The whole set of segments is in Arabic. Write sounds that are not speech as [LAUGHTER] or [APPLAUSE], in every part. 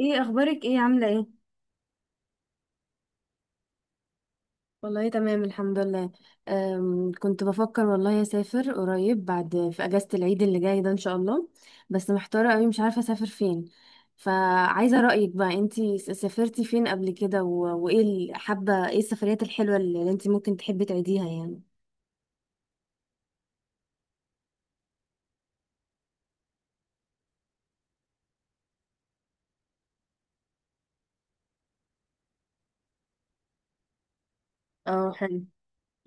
ايه اخبارك، ايه عامله ايه؟ والله تمام الحمد لله. كنت بفكر والله اسافر قريب بعد في اجازة العيد اللي جاي ده ان شاء الله. بس محتارة قوي مش عارفة اسافر فين. فعايزة رأيك بقى، انتي سافرتي فين قبل كده؟ وايه حابة، ايه السفريات الحلوة اللي انتي ممكن تحبي تعيديها يعني؟ اه حلو.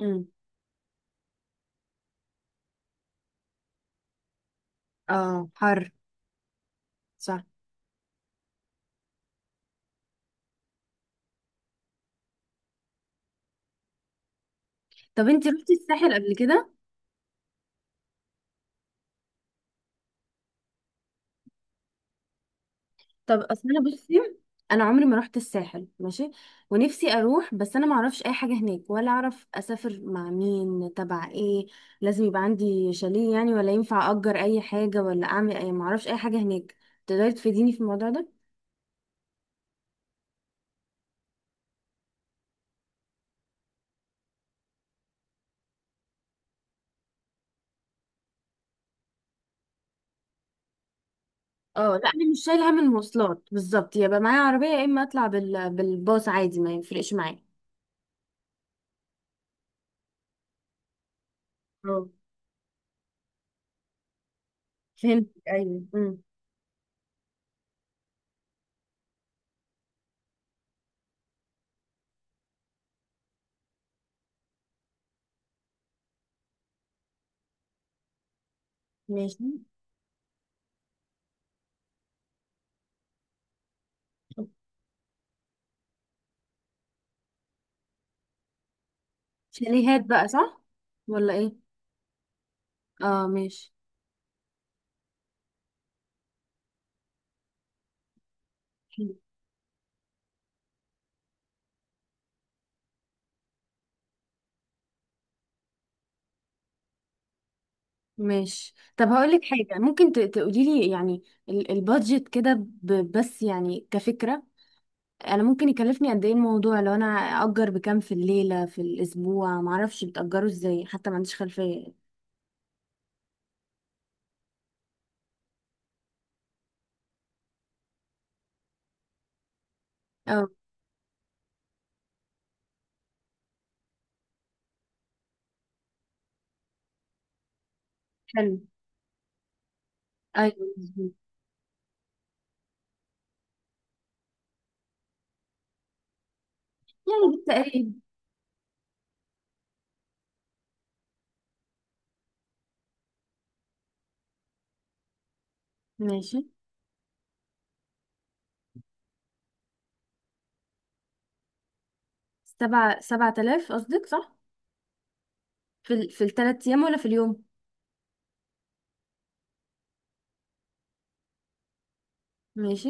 امم اه حر. صح. طب انتي روحتي الساحل قبل كده؟ طب اصل انا بصي، انا عمري ما رحت الساحل ماشي. ونفسي اروح بس انا ما اعرفش اي حاجه هناك، ولا اعرف اسافر مع مين تبع ايه. لازم يبقى عندي شاليه يعني؟ ولا ينفع اجر اي حاجه، ولا اعمل اي، ما اعرفش اي حاجه هناك. تقدري تفيديني في الموضوع ده؟ اه لا، انا مش شايله هم المواصلات بالظبط، يبقى معايا عربيه يا اما اطلع بالباص عادي، ما يفرقش معايا. اه فهمت، ايوه. ماشي. شاليهات بقى، صح؟ ولا ايه؟ اه ماشي. ماشي، طب هقول لك حاجه، ممكن تقولي لي يعني البادجت كده، بس يعني كفكره، انا ممكن يكلفني قد ايه الموضوع لو انا اجر بكام في الليله، في الاسبوع؟ معرفش بتاجروا ازاي، حتى ما عنديش خلفيه. اه حلو. ايوه مظبوط. يعني بالتقريب. ماشي. سبعة، سبعة آلاف قصدك، صح؟ في الثلاث ايام ولا في اليوم؟ ماشي.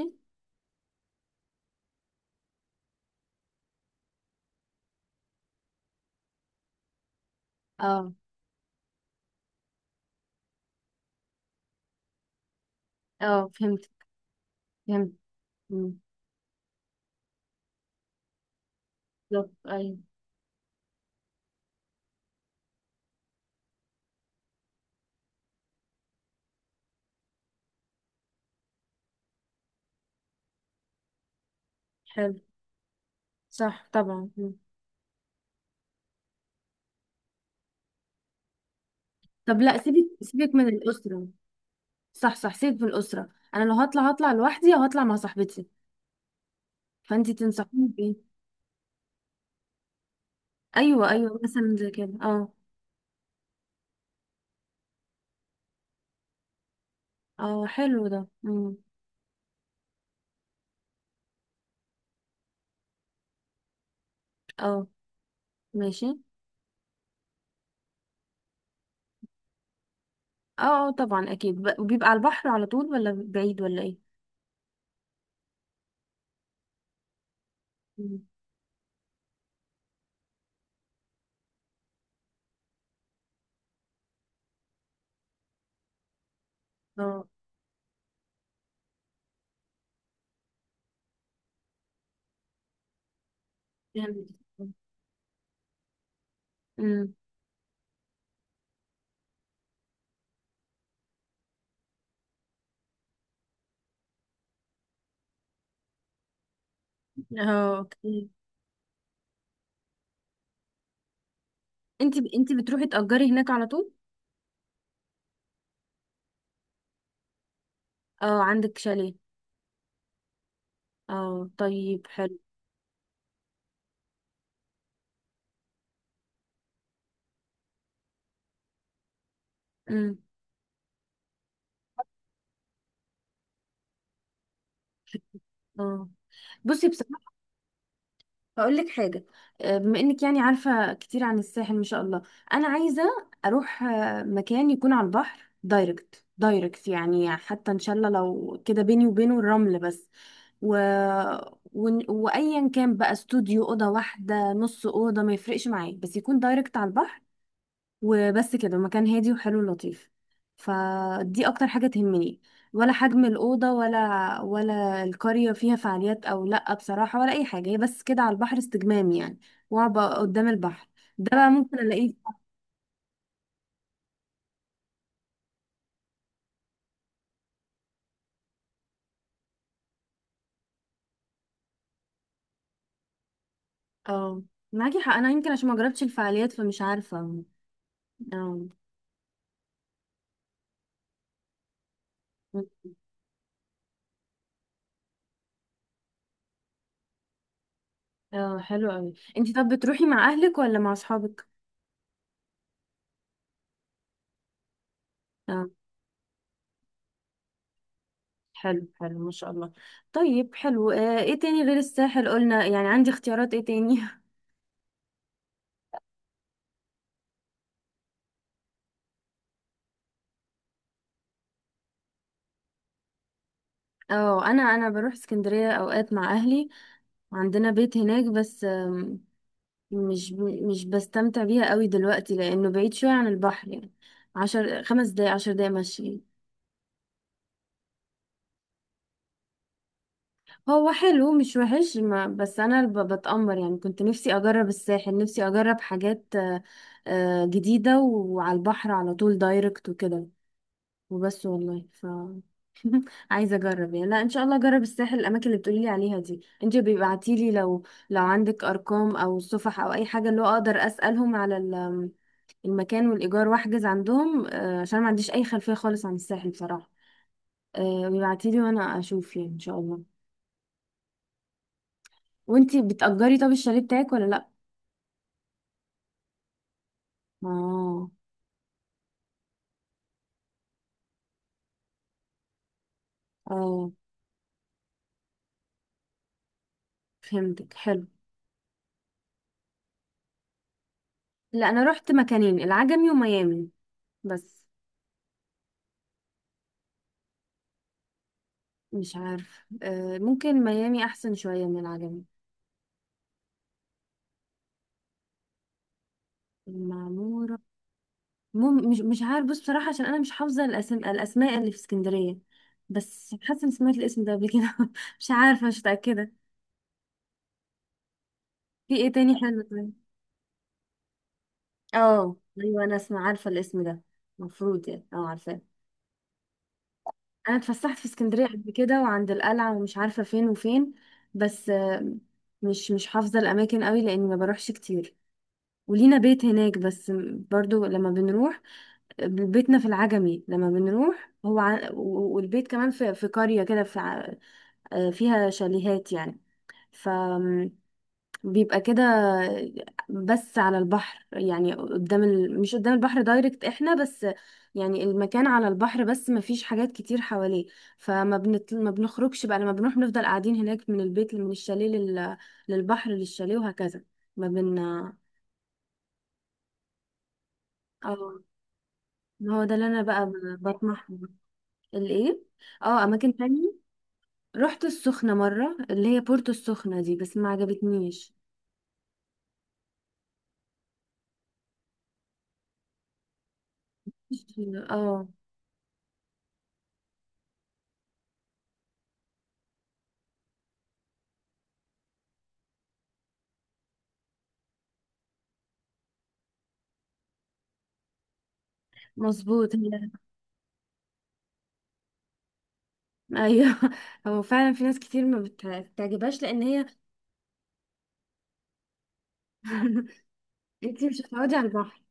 اه. اه فهمت. فهمت. مم. بالظبط، ايوه. حلو. صح طبعا. مم. طب لا، سيبك سيبك من الاسره. صح صح، سيد بالأسرة. أنا لو هطلع هطلع لوحدي، أو هطلع مع صاحبتي. فأنتي تنصحيني بإيه؟ أيوة أيوة، مثلا زي كده، اه. اه حلو ده. مم. اه ماشي. اه، طبعا أكيد. بيبقى على البحر على طول ولا بعيد ولا إيه؟ مم. اه. جامد. مم. اه اوكي. انتي بتروحي تأجري هناك على طول؟ اه عندك شاليه. اه طيب حلو. امم اه. بصي بصراحة، هقول لك حاجة، بما انك يعني عارفة كتير عن الساحل ما شاء الله، انا عايزة اروح مكان يكون على البحر دايركت دايركت يعني، حتى ان شاء الله لو كده بيني وبينه الرمل بس. و... وايا كان بقى، استوديو، اوضة واحدة، نص اوضة، ما يفرقش معايا، بس يكون دايركت على البحر. وبس كده، مكان هادي وحلو لطيف. فدي اكتر حاجة تهمني، ولا حجم الأوضة ولا، ولا القرية فيها فعاليات أو لأ بصراحة، ولا أي حاجة. هي بس كده على البحر، استجمام يعني، وأبقى قدام البحر. ده بقى ممكن ألاقيه؟ [LAUGHS] اه معاكي حق، أنا يمكن عشان ما جربتش الفعاليات فمش عارفة. اه. اه حلو أوي. انتي طب بتروحي مع أهلك ولا مع أصحابك؟ اه حلو حلو ما شاء الله. طيب حلو، آه، ايه تاني غير الساحل قلنا؟ يعني عندي اختيارات ايه تاني؟ اه انا، انا بروح اسكندريه اوقات مع اهلي، وعندنا بيت هناك بس. آم، مش ب- مش بستمتع بيها قوي دلوقتي لانه بعيد شويه عن البحر يعني، عشر، خمس دقايق عشر دقايق مشي. هو حلو مش وحش، ما بس انا بتأمر يعني، كنت نفسي اجرب الساحل، نفسي اجرب حاجات جديده، وعلى البحر على طول دايركت وكده. وبس والله. عايزه اجرب يعني، لا ان شاء الله اجرب الساحل. الاماكن اللي بتقولي لي عليها دي انت بيبعتي لي، لو لو عندك ارقام او صفح او اي حاجه، اللي هو اقدر اسالهم على المكان والايجار، واحجز عندهم، عشان ما عنديش اي خلفيه خالص عن الساحل بصراحه. بيبعتي لي وانا اشوف يعني ان شاء الله. وانت بتأجري طب الشاليه بتاعك ولا لا؟ اه. اه فهمتك حلو. لا انا رحت مكانين، العجمي وميامي بس. مش عارف، ممكن ميامي احسن شويه من العجمي. المعمورة؟ مش عارف. بص بصراحة عشان أنا مش حافظة الأسماء اللي في اسكندرية، بس حاسة إني سمعت الاسم ده قبل كده [LAUGHS] مش عارفة، مش متأكدة. في إيه تاني حلو طيب؟ اه أيوة، أنا اسمع عارفة الاسم ده. المفروض يعني اه عارفاه. أنا اتفسحت في اسكندرية قبل كده، وعند القلعة ومش عارفة فين وفين. بس مش حافظة الأماكن قوي لأني ما بروحش كتير، ولينا بيت هناك بس. برضو لما بنروح، بيتنا في العجمي، لما بنروح هو والبيت كمان في في قرية كده، في فيها شاليهات يعني. فبيبقى كده، بس على البحر يعني قدام مش قدام البحر دايركت احنا، بس يعني المكان على البحر بس، ما فيش حاجات كتير حواليه. ما بنخرجش بقى لما بنروح، بنفضل قاعدين هناك من البيت، من الشاليه للبحر، للشاليه، وهكذا. ما بن اه، ما هو ده اللي انا بقى بطمح له. الايه؟ اه اماكن تانية. رحت السخنة مرة، اللي هي بورتو السخنة دي، بس ما عجبتنيش. اه مظبوط هي. ايوه [LAUGHS] هو فعلا في ناس كتير ما بت- بتعجبهاش لان هي [LAUGHS] انتي مش هتقعدي على البحر.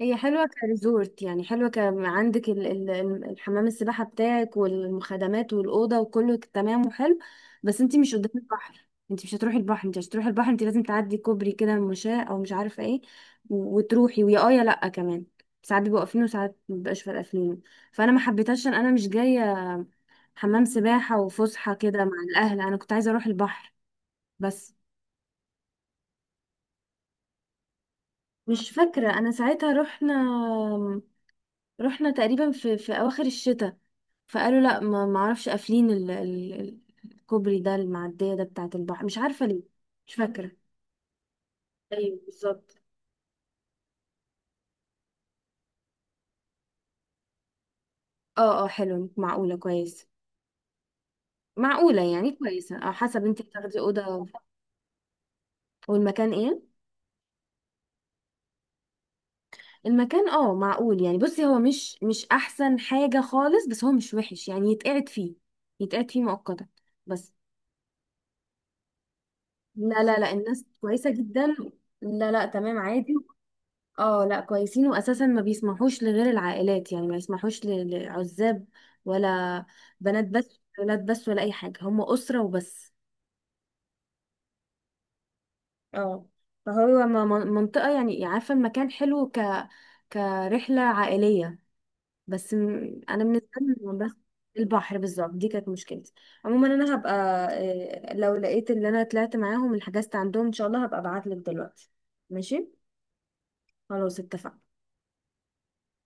هي حلوه كريزورت يعني، حلوه، عندك الحمام السباحه بتاعك، والمخدمات، والاوضه، وكله تمام وحلو. بس انتي مش قدام البحر، انتي مش هتروحي البحر، انتي عشان تروحي البحر انتي لازم تعدي كوبري كده مشاة او مش عارفه ايه. وتروحي ويا اه يا لا كمان. ساعات بيبقوا قافلينه وساعات مبيبقاش، فارقة قافلينه. فانا ما حبيتهاش عشان انا مش جايه حمام سباحة وفسحة كده مع الأهل، أنا كنت عايزة أروح البحر بس. مش فاكرة أنا ساعتها، رحنا تقريبا في أواخر الشتاء. فقالوا لأ، ما معرفش، قافلين الكوبري ده، المعدية ده بتاعة البحر، مش عارفة ليه. مش فاكرة. ايوه بالظبط. اه. اه حلو، معقولة، كويس. معقولة يعني كويسة، اه، حسب انت هتاخدي أوضة. والمكان ايه؟ المكان اه معقول يعني. بصي هو مش احسن حاجة خالص، بس هو مش وحش يعني، يتقعد فيه، يتقعد فيه مؤقتا بس. لا لا لا، الناس كويسة جدا. لا لا تمام عادي. اه لا كويسين، واساسا ما بيسمحوش لغير العائلات يعني، ما يسمحوش لعزاب، ولا بنات بس، ولا ولاد بس، ولا اي حاجة. هم أسرة وبس. اه فهو منطقة يعني، عارفة المكان حلو كرحلة عائلية. بس انا بالنسبه لي، بس البحر بالظبط دي كانت مشكلتي. عموما انا هبقى لو لقيت اللي انا طلعت معاهم، اللي حجزت عندهم ان شاء الله، هبقى ابعت لك دلوقتي. ماشي. خلاص اتفقنا.